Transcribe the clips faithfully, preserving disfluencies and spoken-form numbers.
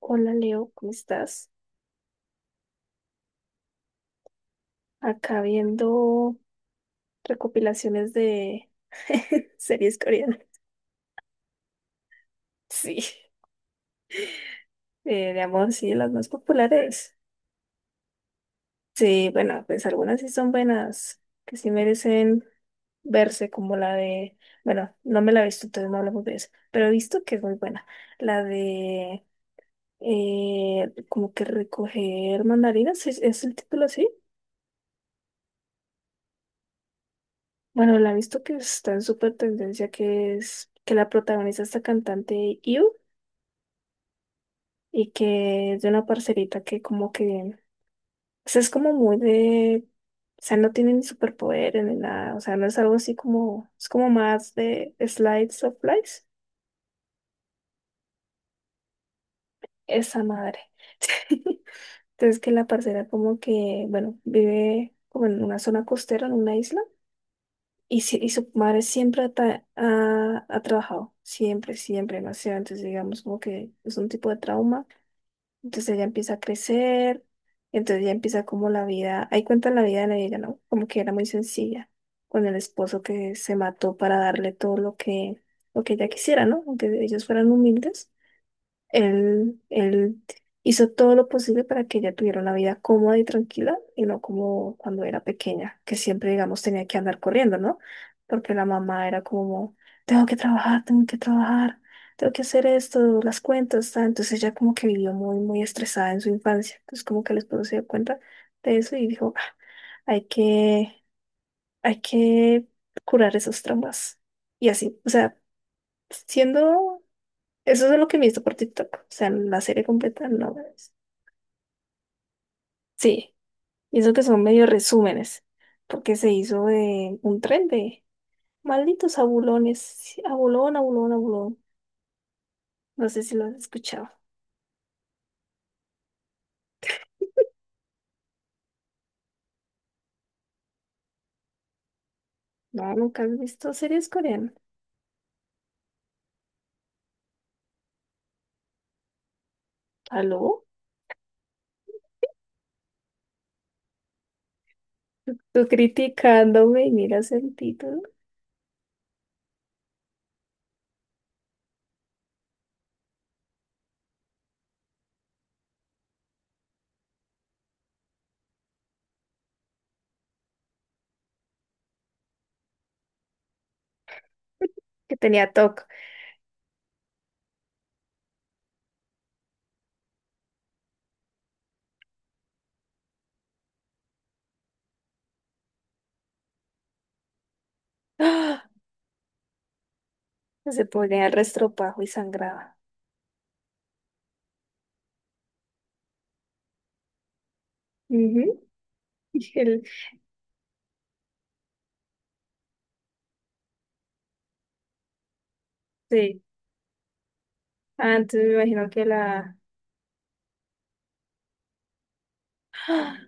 Hola Leo, ¿cómo estás? Acá viendo recopilaciones de series coreanas. Sí, eh, de amor, sí, las más populares. Sí, bueno, pues algunas sí son buenas, que sí merecen verse, como la de, bueno, no me la he visto, entonces no hablamos de eso, pero he visto que es muy buena. La de, eh, como que recoger mandarinas, ¿es, es el título así? Bueno, la he visto que está en súper tendencia, que es que la protagoniza esta cantante I U, y que es de una parcerita que como que, o sea, es como muy de, o sea, no tiene ni superpoderes ni nada, o sea, no es algo así como, es como más de slides of life, esa madre. Entonces que la parcera como que, bueno, vive como en una zona costera, en una isla, y, si- y su madre siempre ha, tra- ha ha trabajado, siempre, siempre, demasiado, entonces digamos como que es un tipo de trauma. Entonces ella empieza a crecer, entonces ya empieza como la vida, ahí cuenta la vida de ella, ¿no? Como que era muy sencilla, con el esposo que se mató para darle todo lo que, lo que ella quisiera, ¿no? Aunque ellos fueran humildes. Él, él hizo todo lo posible para que ella tuviera una vida cómoda y tranquila y no como cuando era pequeña, que siempre, digamos, tenía que andar corriendo, ¿no? Porque la mamá era como, tengo que trabajar, tengo que trabajar, tengo que hacer esto, las cuentas, tal. Entonces ella como que vivió muy, muy estresada en su infancia. Entonces como que el esposo se dio cuenta de eso y dijo, "Ah, hay que, hay que curar esos traumas". Y así, o sea, siendo eso es lo que he visto por TikTok. O sea, la serie completa no. Es- sí, y eso que son medio resúmenes, porque se hizo de un tren de malditos abulones. Sí, abulón, abulón, abulón. No sé si lo has escuchado. No, nunca has visto series coreanas. ¿Aló? Tú criticándome y miras el título. Que tenía T O C. ¡Ah! Se ponía el restropajo y sangraba. Ujú. Y el- sí. Ah, entonces me imagino que la. ¡Ah!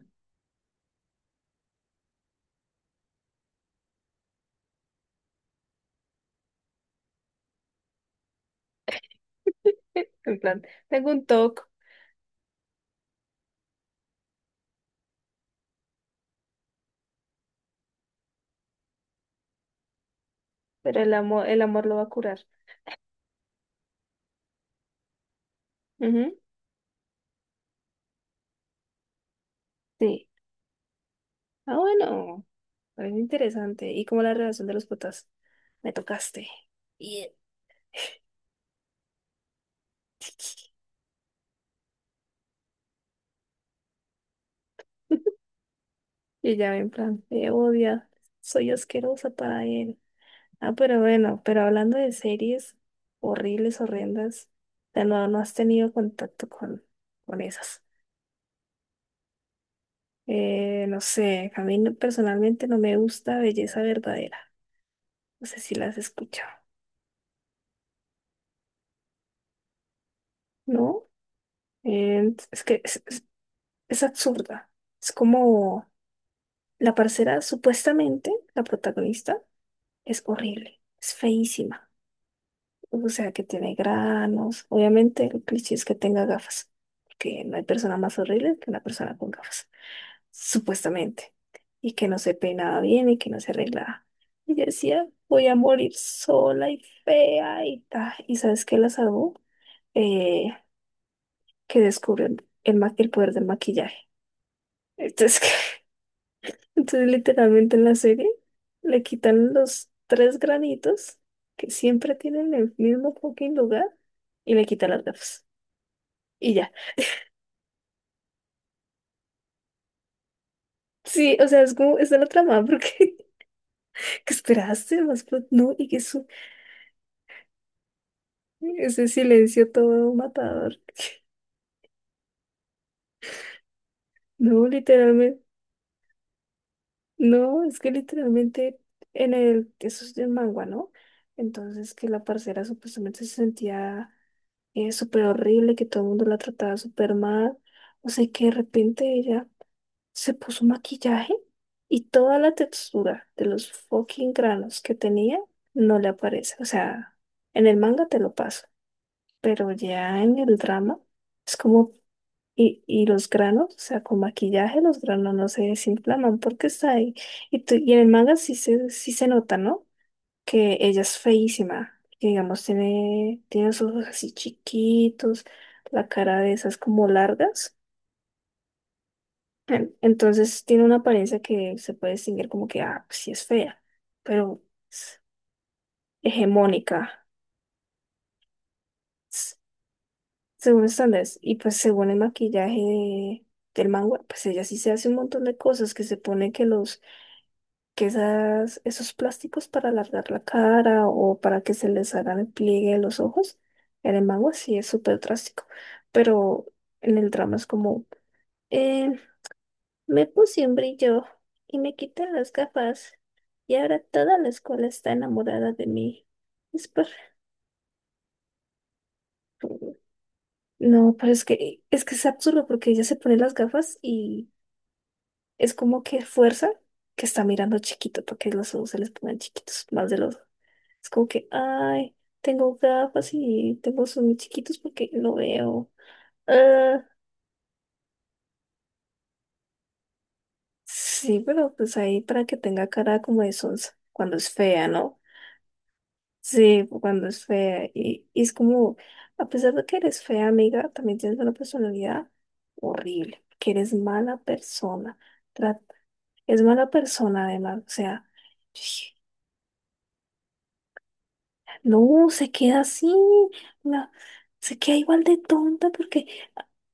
En plan, tengo un T O C. Pero el amor, el amor lo va a curar. Ujú, sí. Ah, bueno, parece interesante. ¿Y como la relación de los putas? Me tocaste. Y y ya en plan, me odia, soy asquerosa para él. Ah, pero bueno, pero hablando de series horribles, horrendas, de no, no has tenido contacto con, con esas. Eh, no sé, a mí no- personalmente no me gusta Belleza Verdadera. No sé si las has escuchado, ¿no? Eh, es que es- es absurda. Es como la parcera, supuestamente, la protagonista, es horrible, es feísima. O sea, que tiene granos. Obviamente, el cliché es que tenga gafas, porque no hay persona más horrible que una persona con gafas, supuestamente. Y que no se peinaba bien y que no se arreglaba. Y yo decía, voy a morir sola y fea y tal. ¿Y sabes qué la salvó? Eh, que descubrió el, ma- el poder del maquillaje. Entonces, entonces, literalmente en la serie le quitan los tres granitos que siempre tienen en el mismo fucking lugar y le quitan las gafas. Y ya. Sí, o sea, es como, esa es de la trama, porque ¿qué esperaste? Más plot, no, y que su, ese silencio todo matador. No, literalmente, no, es que literalmente en el, eso es de mangua, ¿no? Entonces que la parcera supuestamente se sentía es súper horrible, que todo el mundo la trataba súper mal. O sea, que de repente ella se puso maquillaje y toda la textura de los fucking granos que tenía no le aparece. O sea, en el manga te lo paso, pero ya en el drama es como, y, y los granos, o sea, con maquillaje los granos no se desinflaman porque está ahí. Y, tú- y en el manga sí se, sí se nota, ¿no? Que ella es feísima, que digamos tiene, tiene los ojos así chiquitos, la cara de esas como largas. En- entonces tiene una apariencia que se puede distinguir como que, ah, pues sí es fea, pero es hegemónica, s- según estándares. Y pues según el maquillaje de- del manga, pues ella sí se hace un montón de cosas, que se pone que los que esas, esos plásticos para alargar la cara o para que se les hagan el pliegue de los ojos, en el mango sí es súper drástico, pero en el drama es como, eh, me puse un brillo y me quité las gafas y ahora toda la escuela está enamorada de mí. Es por- no, pero es que, es que es absurdo porque ella se pone las gafas y es como que fuerza que está mirando chiquito para que los ojos se les pongan chiquitos, más de los. Es como que, ay, tengo gafas y tengo ojos muy chiquitos porque no veo. Ah, sí, pero pues ahí para que tenga cara como de sonsa, cuando es fea, ¿no? Sí, cuando es fea. Y, y es como, a pesar de que eres fea, amiga, también tienes una personalidad horrible, que eres mala persona. Tra- es mala persona además, o sea, no, se queda así, la- se queda igual de tonta porque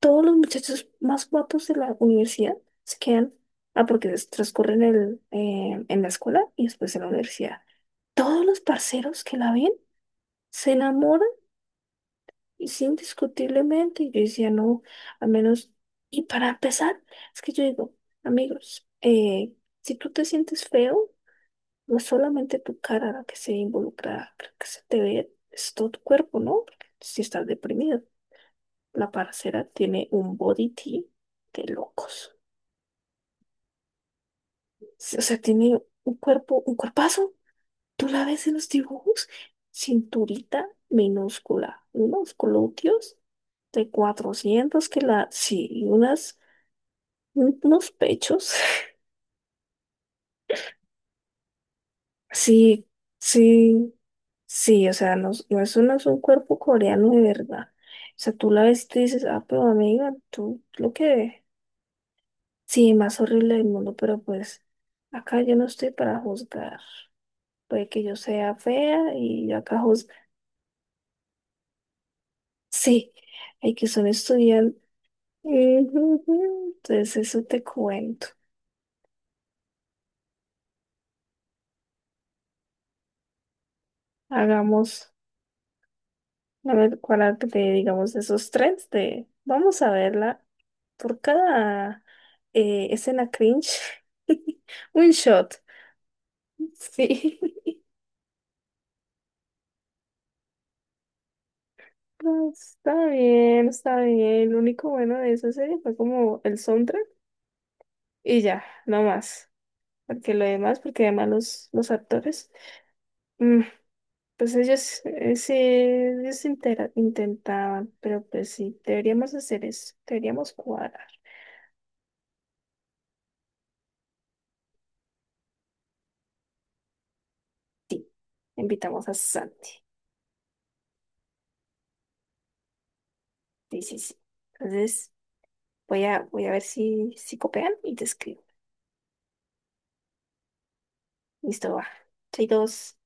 todos los muchachos más guapos de la universidad se quedan, ah, porque des- transcurren el, eh, en la escuela y después en la universidad. Todos los parceros que la ven se enamoran y sí, indiscutiblemente. Y yo decía, no, al menos, y para empezar, es que yo digo, amigos, eh, si tú te sientes feo, no es solamente tu cara la que se involucra, la que se te ve, es todo tu cuerpo, ¿no? Porque si estás deprimido, la parcera tiene un body tea de locos. Sí, o sea, tiene un cuerpo, un cuerpazo. Tú la ves en los dibujos, cinturita minúscula, unos glúteos de cuatrocientos que la, sí, y unas, un- unos pechos. Sí, sí, sí, o sea, no, es- no es, un- no es un cuerpo coreano de verdad. O sea, tú la ves y tú dices, ah, pero amiga, tú lo que, sí, más horrible del mundo, pero pues acá yo no estoy para juzgar. Puede que yo sea fea y yo acá juzgo. Sí, hay que son estudiantes. Ujú, entonces, eso te cuento. Hagamos, a ver, cuál arte, te digamos, esos tres de, vamos a verla. Por cada eh, escena cringe, un shot. Sí, no, está bien, está bien. Lo único bueno de esa serie fue como el soundtrack y ya, no más. Porque lo demás, porque además los, los actores, mm, pues ellos, eh, sí, ellos intera- intentaban, pero pues sí, deberíamos hacer eso, deberíamos cuadrar. Invitamos a Santi. Sí, sí, sí. Entonces, voy a, voy a ver si, si copian y te escribo. Listo, va. Soy dos.